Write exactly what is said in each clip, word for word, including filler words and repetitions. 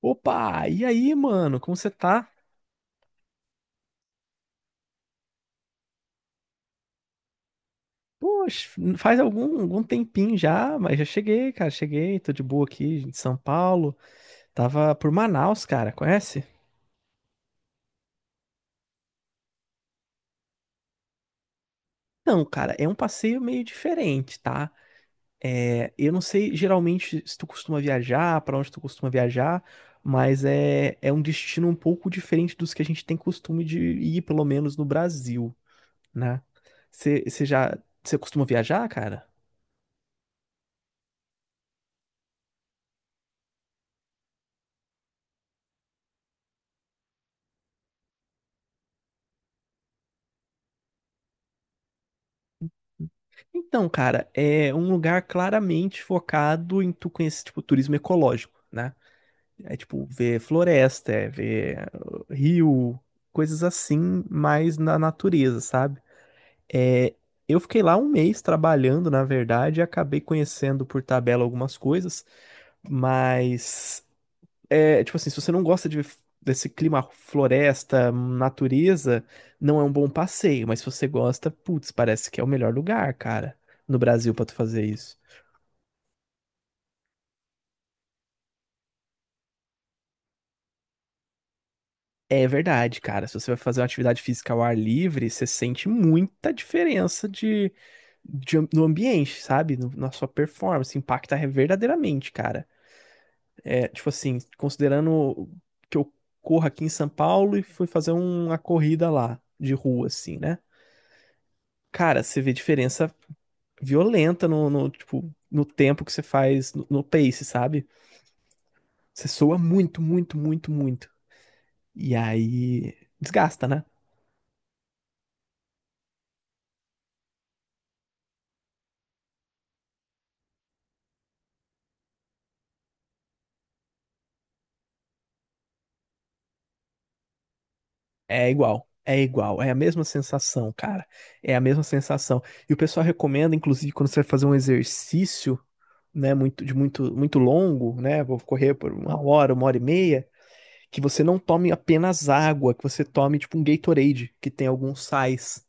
Opa, e aí, mano, como você tá? Poxa, faz algum, algum tempinho já, mas já cheguei, cara, cheguei, tô de boa aqui em São Paulo. Tava por Manaus, cara, conhece? Não, cara, é um passeio meio diferente, tá? É, eu não sei geralmente se tu costuma viajar, pra onde tu costuma viajar, mas é, é um destino um pouco diferente dos que a gente tem costume de ir, pelo menos no Brasil, né? Você já, você costuma viajar, cara? Então, cara, é um lugar claramente focado em tu conhecer, tipo, turismo ecológico, né? É tipo, ver floresta, é ver uh, rio, coisas assim, mais na natureza, sabe? É, eu fiquei lá um mês trabalhando, na verdade, e acabei conhecendo por tabela algumas coisas, mas é, tipo assim, se você não gosta de, desse clima floresta, natureza, não é um bom passeio, mas se você gosta, putz, parece que é o melhor lugar, cara, no Brasil pra tu fazer isso. É verdade, cara. Se você vai fazer uma atividade física ao ar livre, você sente muita diferença de, de am- no ambiente, sabe? No- na sua performance, impacta verdadeiramente, cara. É, tipo assim, considerando que eu corro aqui em São Paulo e fui fazer uma corrida lá de rua, assim, né? Cara, você vê diferença violenta no, no, tipo, no tempo que você faz no, no pace, sabe? Você soa muito, muito, muito, muito. E aí desgasta, né? É igual. É igual, é a mesma sensação, cara. É a mesma sensação. E o pessoal recomenda, inclusive, quando você vai fazer um exercício, né, muito de muito muito longo, né, vou correr por uma hora, uma hora e meia, que você não tome apenas água, que você tome tipo um Gatorade, que tem alguns sais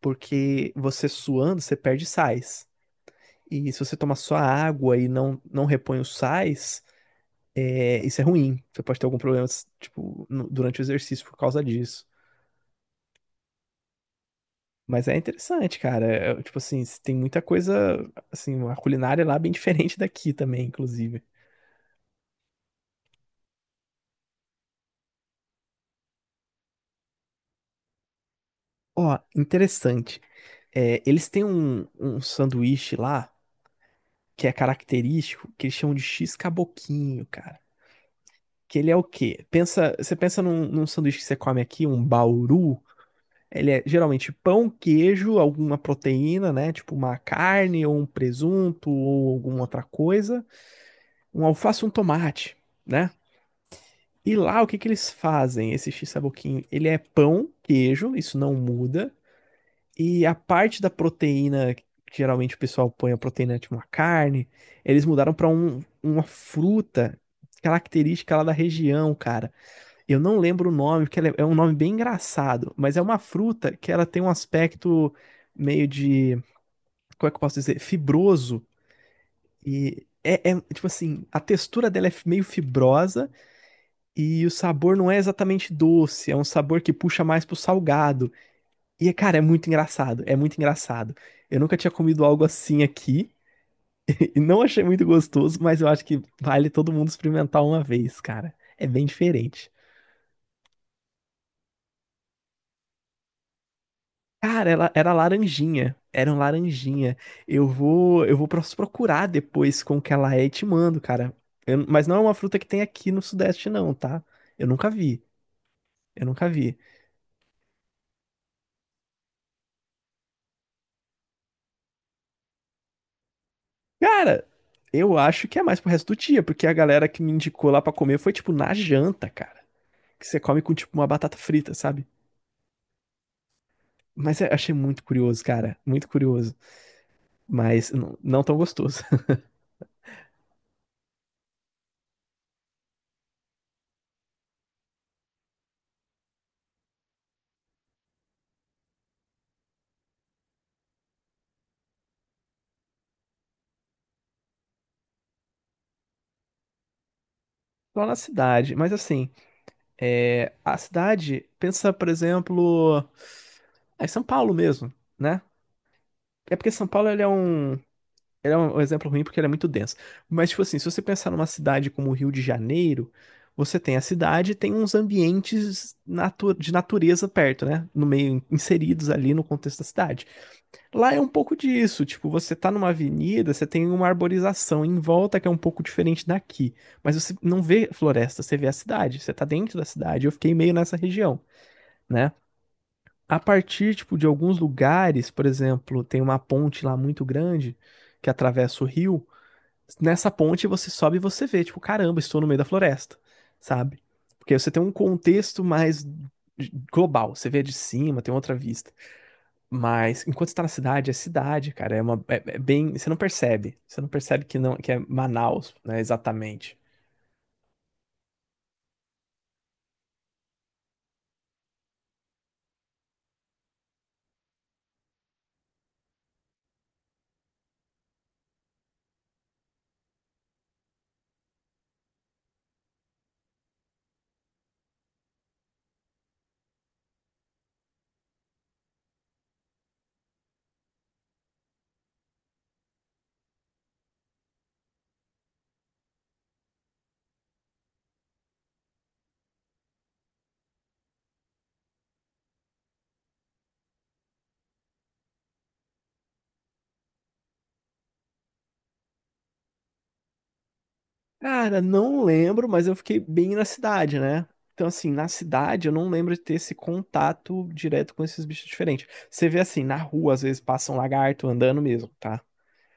porque você suando, você perde sais. E se você toma só água e não, não repõe os sais, é, isso é ruim. Você pode ter algum problema, tipo, no- durante o exercício por causa disso. Mas é interessante, cara. É, é, tipo assim, tem muita coisa, assim, a culinária lá é bem diferente daqui também, inclusive. Ó, interessante. É, eles têm um, um sanduíche lá que é característico, que eles chamam de X caboquinho, cara. Que ele é o quê? Pensa, você pensa num, num sanduíche que você come aqui, um bauru, ele é geralmente pão, queijo, alguma proteína, né? Tipo uma carne ou um presunto ou alguma outra coisa. Um alface, e um tomate, né? E lá o que que eles fazem? Esse x ele é pão, queijo, isso não muda. E a parte da proteína, que geralmente o pessoal põe a proteína tipo uma carne, eles mudaram para um, uma fruta característica lá da região, cara. Eu não lembro o nome, porque ela é é um nome bem engraçado, mas é uma fruta que ela tem um aspecto meio de, como é que eu posso dizer, fibroso e é, é, tipo assim, a textura dela é meio fibrosa e o sabor não é exatamente doce, é um sabor que puxa mais pro salgado. E cara, é muito engraçado, é muito engraçado. Eu nunca tinha comido algo assim aqui e não achei muito gostoso, mas eu acho que vale todo mundo experimentar uma vez, cara. É bem diferente. Cara, ela era laranjinha. Era um laranjinha. Eu vou, eu vou pro procurar depois com que ela é e te mando, cara. Eu- mas não é uma fruta que tem aqui no Sudeste, não, tá? Eu nunca vi. Eu nunca vi. Cara, eu acho que é mais pro resto do dia, porque a galera que me indicou lá pra comer foi tipo na janta, cara. Que você come com tipo uma batata frita, sabe? Mas eu achei muito curioso, cara. Muito curioso. Mas não não tão gostoso. Só na cidade. Mas assim, é, a cidade, pensa, por exemplo. É São Paulo mesmo, né? É porque São Paulo ele é um, ele é um um exemplo ruim porque ele é muito denso. Mas, tipo assim, se você pensar numa cidade como o Rio de Janeiro, você tem a cidade e tem uns ambientes natu- de natureza perto, né? No meio, inseridos ali no contexto da cidade. Lá é um pouco disso, tipo, você tá numa avenida, você tem uma arborização em volta que é um pouco diferente daqui. Mas você não vê floresta, você vê a cidade, você tá dentro da cidade. Eu fiquei meio nessa região, né? A partir, tipo, de alguns lugares, por exemplo, tem uma ponte lá muito grande que atravessa o rio. Nessa ponte você sobe e você vê, tipo, caramba, estou no meio da floresta, sabe? Porque aí você tem um contexto mais global, você vê de cima, tem outra vista. Mas enquanto você tá na cidade, é cidade, cara, é uma é, é bem, você não percebe, você não percebe que não que é Manaus, né, exatamente. Cara, não lembro, mas eu fiquei bem na cidade, né? Então, assim, na cidade eu não lembro de ter esse contato direto com esses bichos diferentes. Você vê assim, na rua, às vezes passa um lagarto andando mesmo, tá?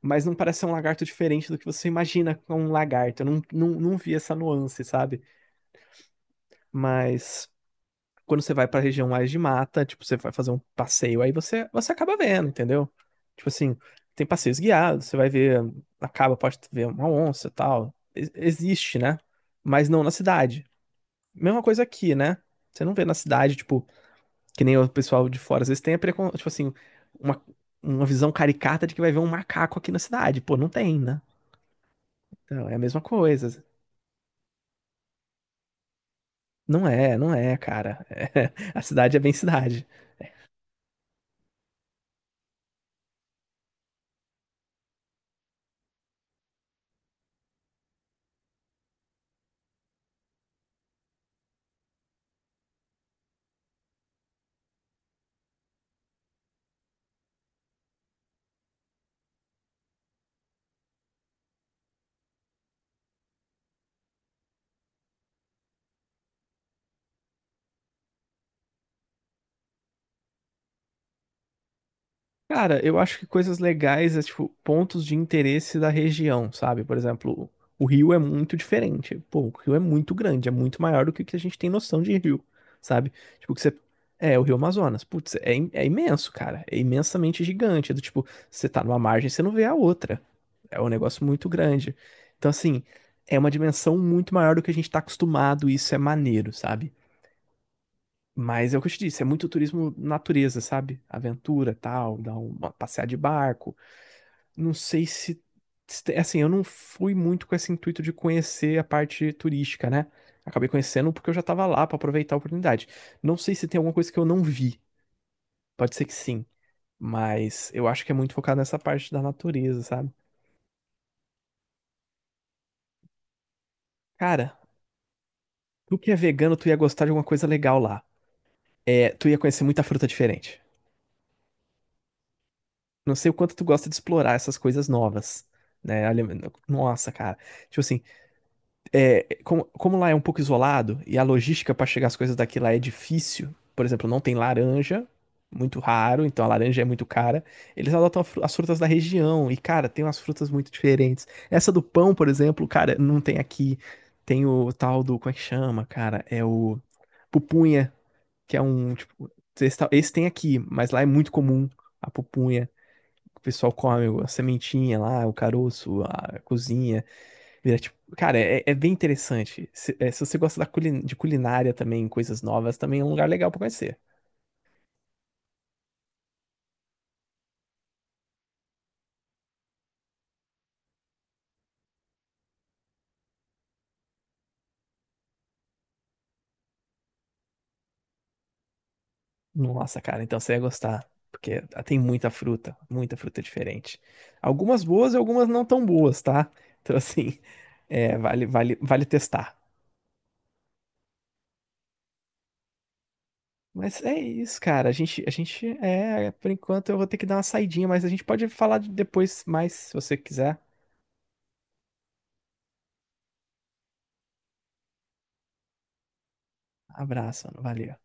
Mas não parece ser um lagarto diferente do que você imagina com um lagarto. Eu não, não, não vi essa nuance, sabe? Mas quando você vai pra região mais de mata, tipo, você vai fazer um passeio, aí você, você acaba vendo, entendeu? Tipo assim, tem passeios guiados, você vai ver, acaba, pode ver uma onça e tal. E- Existe, né? Mas não na cidade. Mesma coisa aqui, né? Você não vê na cidade, tipo, que nem o pessoal de fora, às vezes tem a precon... tipo assim, uma, uma visão caricata de que vai ver um macaco aqui na cidade. Pô, não tem, né? Então, é a mesma coisa. Não é, não é, cara. É, a cidade é bem cidade. Cara, eu acho que coisas legais é tipo pontos de interesse da região, sabe? Por exemplo, o Rio é muito diferente. Pô, o Rio é muito grande, é muito maior do que o que a gente tem noção de Rio, sabe? Tipo, que você. É, o Rio Amazonas. Putz, é, im- é imenso, cara. É imensamente gigante. É do tipo, você tá numa margem, você não vê a outra. É um negócio muito grande. Então, assim, é uma dimensão muito maior do que a gente tá acostumado, e isso é maneiro, sabe? Mas é o que eu te disse, é muito turismo natureza, sabe? Aventura, tal, dar um, uma passear de barco. Não sei se se- assim, eu não fui muito com esse intuito de conhecer a parte turística, né? Acabei conhecendo porque eu já tava lá pra aproveitar a oportunidade. Não sei se tem alguma coisa que eu não vi. Pode ser que sim, mas eu acho que é muito focado nessa parte da natureza, sabe? Cara, tu que é vegano, tu ia gostar de alguma coisa legal lá. É, tu ia conhecer muita fruta diferente. Não sei o quanto tu gosta de explorar essas coisas novas, né? Ale- Nossa, cara. Tipo assim, é, como, como lá é um pouco isolado e a logística para chegar as coisas daqui lá é difícil, por exemplo, não tem laranja, muito raro, então a laranja é muito cara. Eles adotam a fru- as frutas da região e, cara, tem umas frutas muito diferentes. Essa do pão, por exemplo, cara, não tem aqui. Tem o tal do, como é que chama, cara? É o pupunha, que é um, tipo, esse tal- esse tem aqui, mas lá é muito comum a pupunha. O pessoal come a sementinha lá, o caroço, a cozinha. Vira, tipo, cara, é, é bem interessante. Se, é, se você gosta da culin- de culinária também, coisas novas, também é um lugar legal pra conhecer. Nossa, cara, então você ia gostar. Porque tem muita fruta, muita fruta diferente. Algumas boas e algumas não tão boas, tá? Então, assim, é, vale, vale, vale testar. Mas é isso, cara. A gente, a gente, é, por enquanto eu vou ter que dar uma saidinha, mas a gente pode falar de- depois mais, se você quiser. Abraço, mano. Valeu.